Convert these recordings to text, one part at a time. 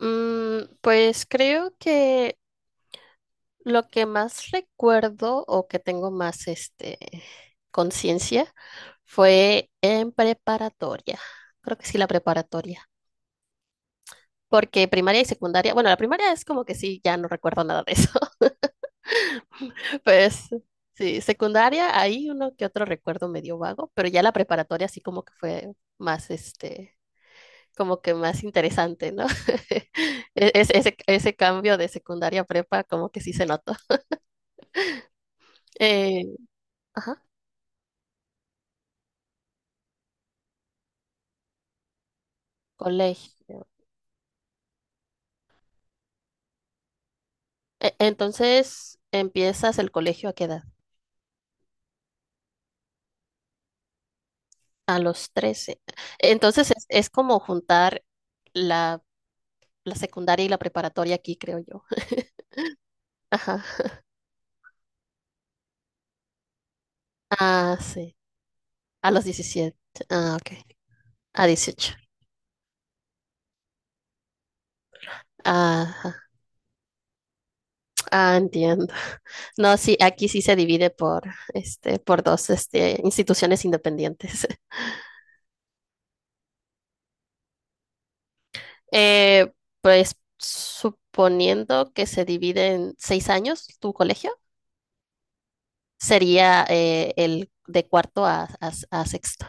Pues creo que lo que más recuerdo o que tengo más conciencia fue en preparatoria. Creo que sí, la preparatoria. Porque primaria y secundaria, bueno, la primaria es como que sí, ya no recuerdo nada de eso. Pues sí, secundaria, ahí uno que otro recuerdo medio vago, pero ya la preparatoria sí como que fue más como que más interesante, ¿no? Ese cambio de secundaria a prepa como que sí se notó. Eh, ajá, colegio. Entonces, ¿empiezas el colegio a qué edad? A los 13. Entonces, es como juntar la, la secundaria y la preparatoria aquí, creo yo. Ajá. Ah, sí. A los 17. Ah, ok. A 18. Ajá. Ah, entiendo. No, sí, aquí sí se divide por, por dos, instituciones independientes. Eh, pues suponiendo que se divide en 6 años tu colegio. Sería el de cuarto a sexto.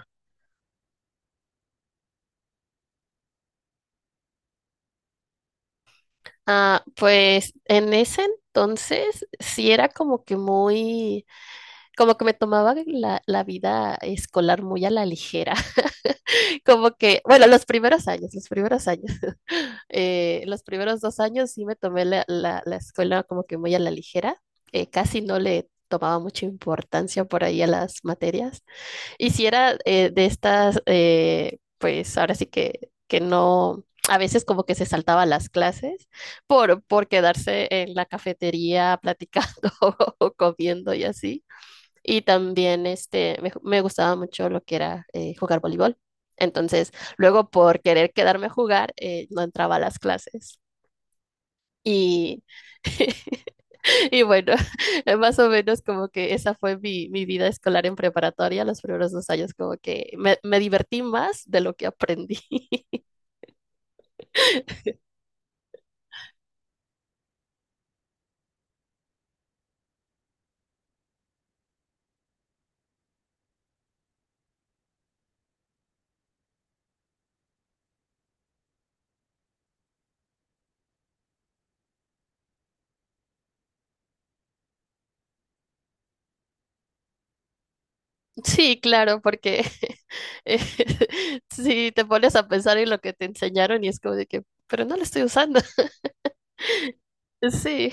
Ah, pues en ese entonces sí era como que muy, como que me tomaba la vida escolar muy a la ligera, como que, bueno, los primeros años, los primeros 2 años sí me tomé la escuela como que muy a la ligera, casi no le tomaba mucha importancia por ahí a las materias. Y si era de estas, pues ahora sí que no, a veces como que se saltaba las clases por quedarse en la cafetería platicando o comiendo y así. Y también me gustaba mucho lo que era jugar voleibol. Entonces, luego por querer quedarme a jugar, no entraba a las clases. Y Y bueno, más o menos como que esa fue mi vida escolar en preparatoria, los primeros 2 años como que me divertí más de lo que aprendí. Sí, claro, porque eh, si te pones a pensar en lo que te enseñaron y es como de que, pero no lo estoy usando. Sí,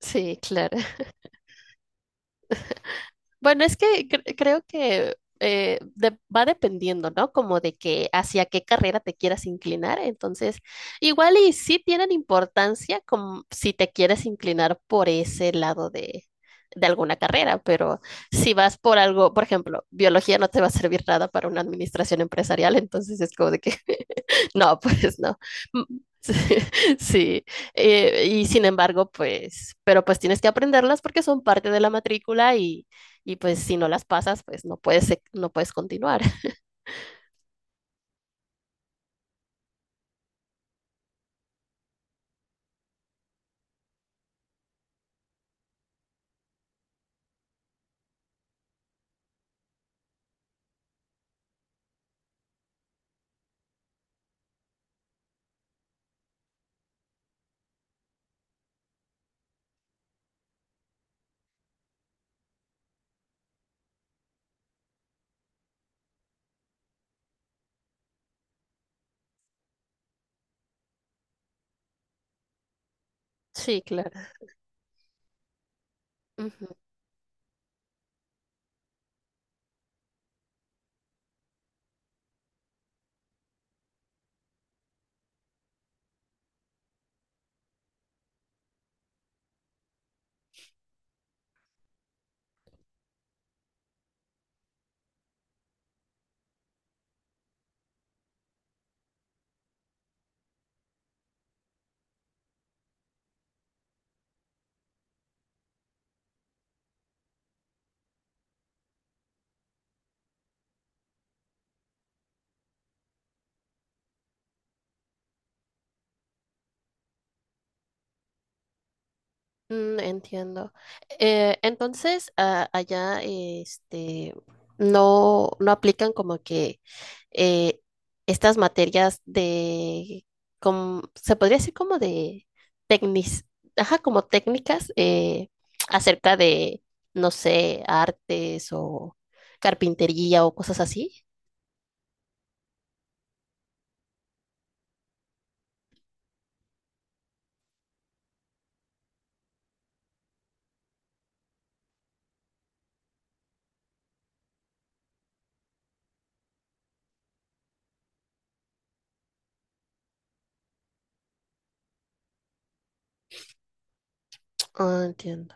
sí, claro. Bueno, es que creo que va dependiendo, ¿no? Como de que hacia qué carrera te quieras inclinar. Entonces, igual y sí tienen importancia como si te quieres inclinar por ese lado de alguna carrera, pero si vas por algo, por ejemplo, biología no te va a servir nada para una administración empresarial, entonces es como de que, no, pues no. Mm, Sí, y sin embargo, pues, pero pues tienes que aprenderlas porque son parte de la matrícula y pues si no las pasas, pues no puedes, no puedes continuar. Sí, claro. Ujú. Entiendo. Entonces, allá, no, no aplican como que eh, estas materias de, como, se podría decir como de técnicas, ajá, como técnicas acerca de, no sé, artes o carpintería o cosas así. Ah, entiendo.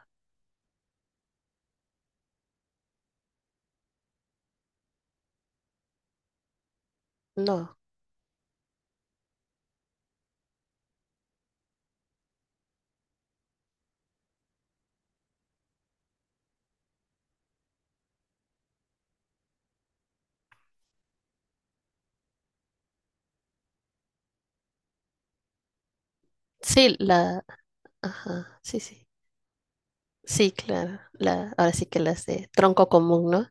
No. Sí, la. Ajá, sí, sí. Sí, claro. Ahora sí que las de tronco común, ¿no?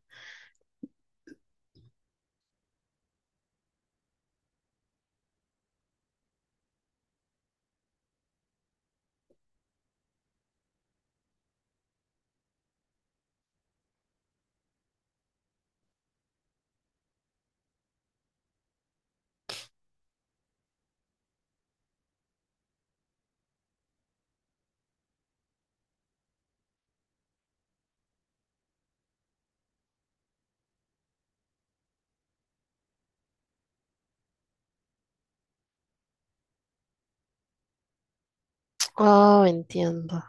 Oh, entiendo.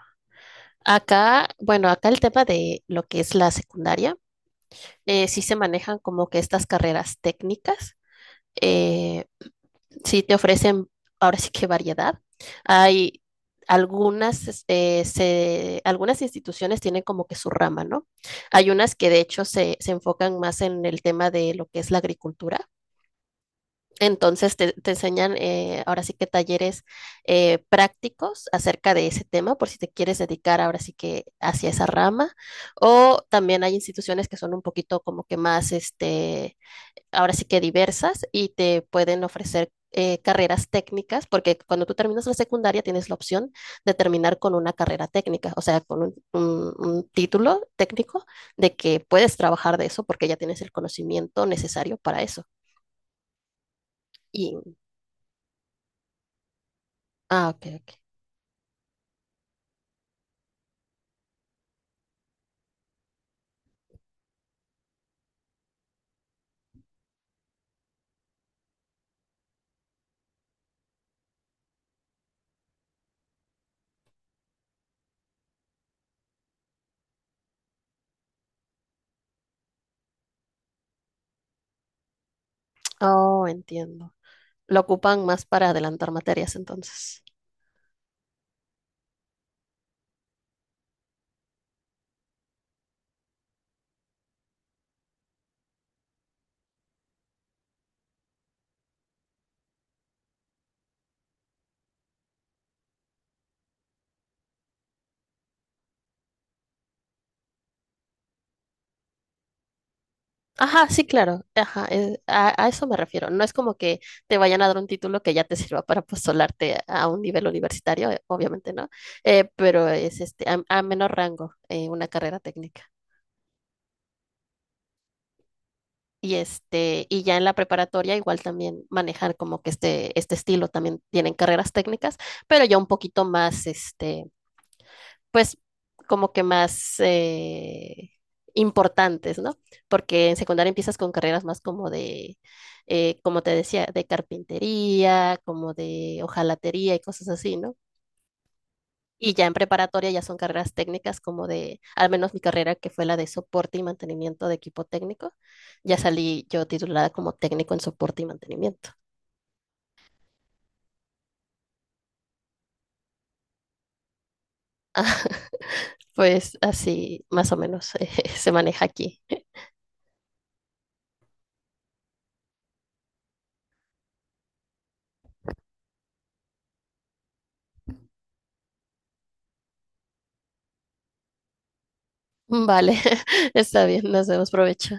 Acá, bueno, acá el tema de lo que es la secundaria, sí se manejan como que estas carreras técnicas. eh, Sí, te ofrecen ahora sí que variedad. Hay algunas, algunas instituciones tienen como que su rama, ¿no? Hay unas que de hecho se enfocan más en el tema de lo que es la agricultura. Entonces te enseñan ahora sí que talleres prácticos acerca de ese tema por si te quieres dedicar ahora sí que hacia esa rama. O también hay instituciones que son un poquito como que más ahora sí que diversas y te pueden ofrecer carreras técnicas, porque cuando tú terminas la secundaria tienes la opción de terminar con una carrera técnica, o sea, con un título técnico de que puedes trabajar de eso porque ya tienes el conocimiento necesario para eso. Y, ah, ok, ok. Oh, entiendo. Lo ocupan más para adelantar materias entonces. Ajá, sí, claro. Ajá, a eso me refiero. No es como que te vayan a dar un título que ya te sirva para postularte a un nivel universitario, obviamente no, pero es a menor rango una carrera técnica. Y ya en la preparatoria igual también manejar como que este estilo también tienen carreras técnicas, pero ya un poquito más pues como que más importantes, ¿no? Porque en secundaria empiezas con carreras más como de, como te decía, de carpintería, como de hojalatería y cosas así, ¿no? Y ya en preparatoria ya son carreras técnicas como de, al menos mi carrera que fue la de soporte y mantenimiento de equipo técnico, ya salí yo titulada como técnico en soporte y mantenimiento. Pues así más o menos se maneja aquí. Vale, está bien, nos vemos, provecho.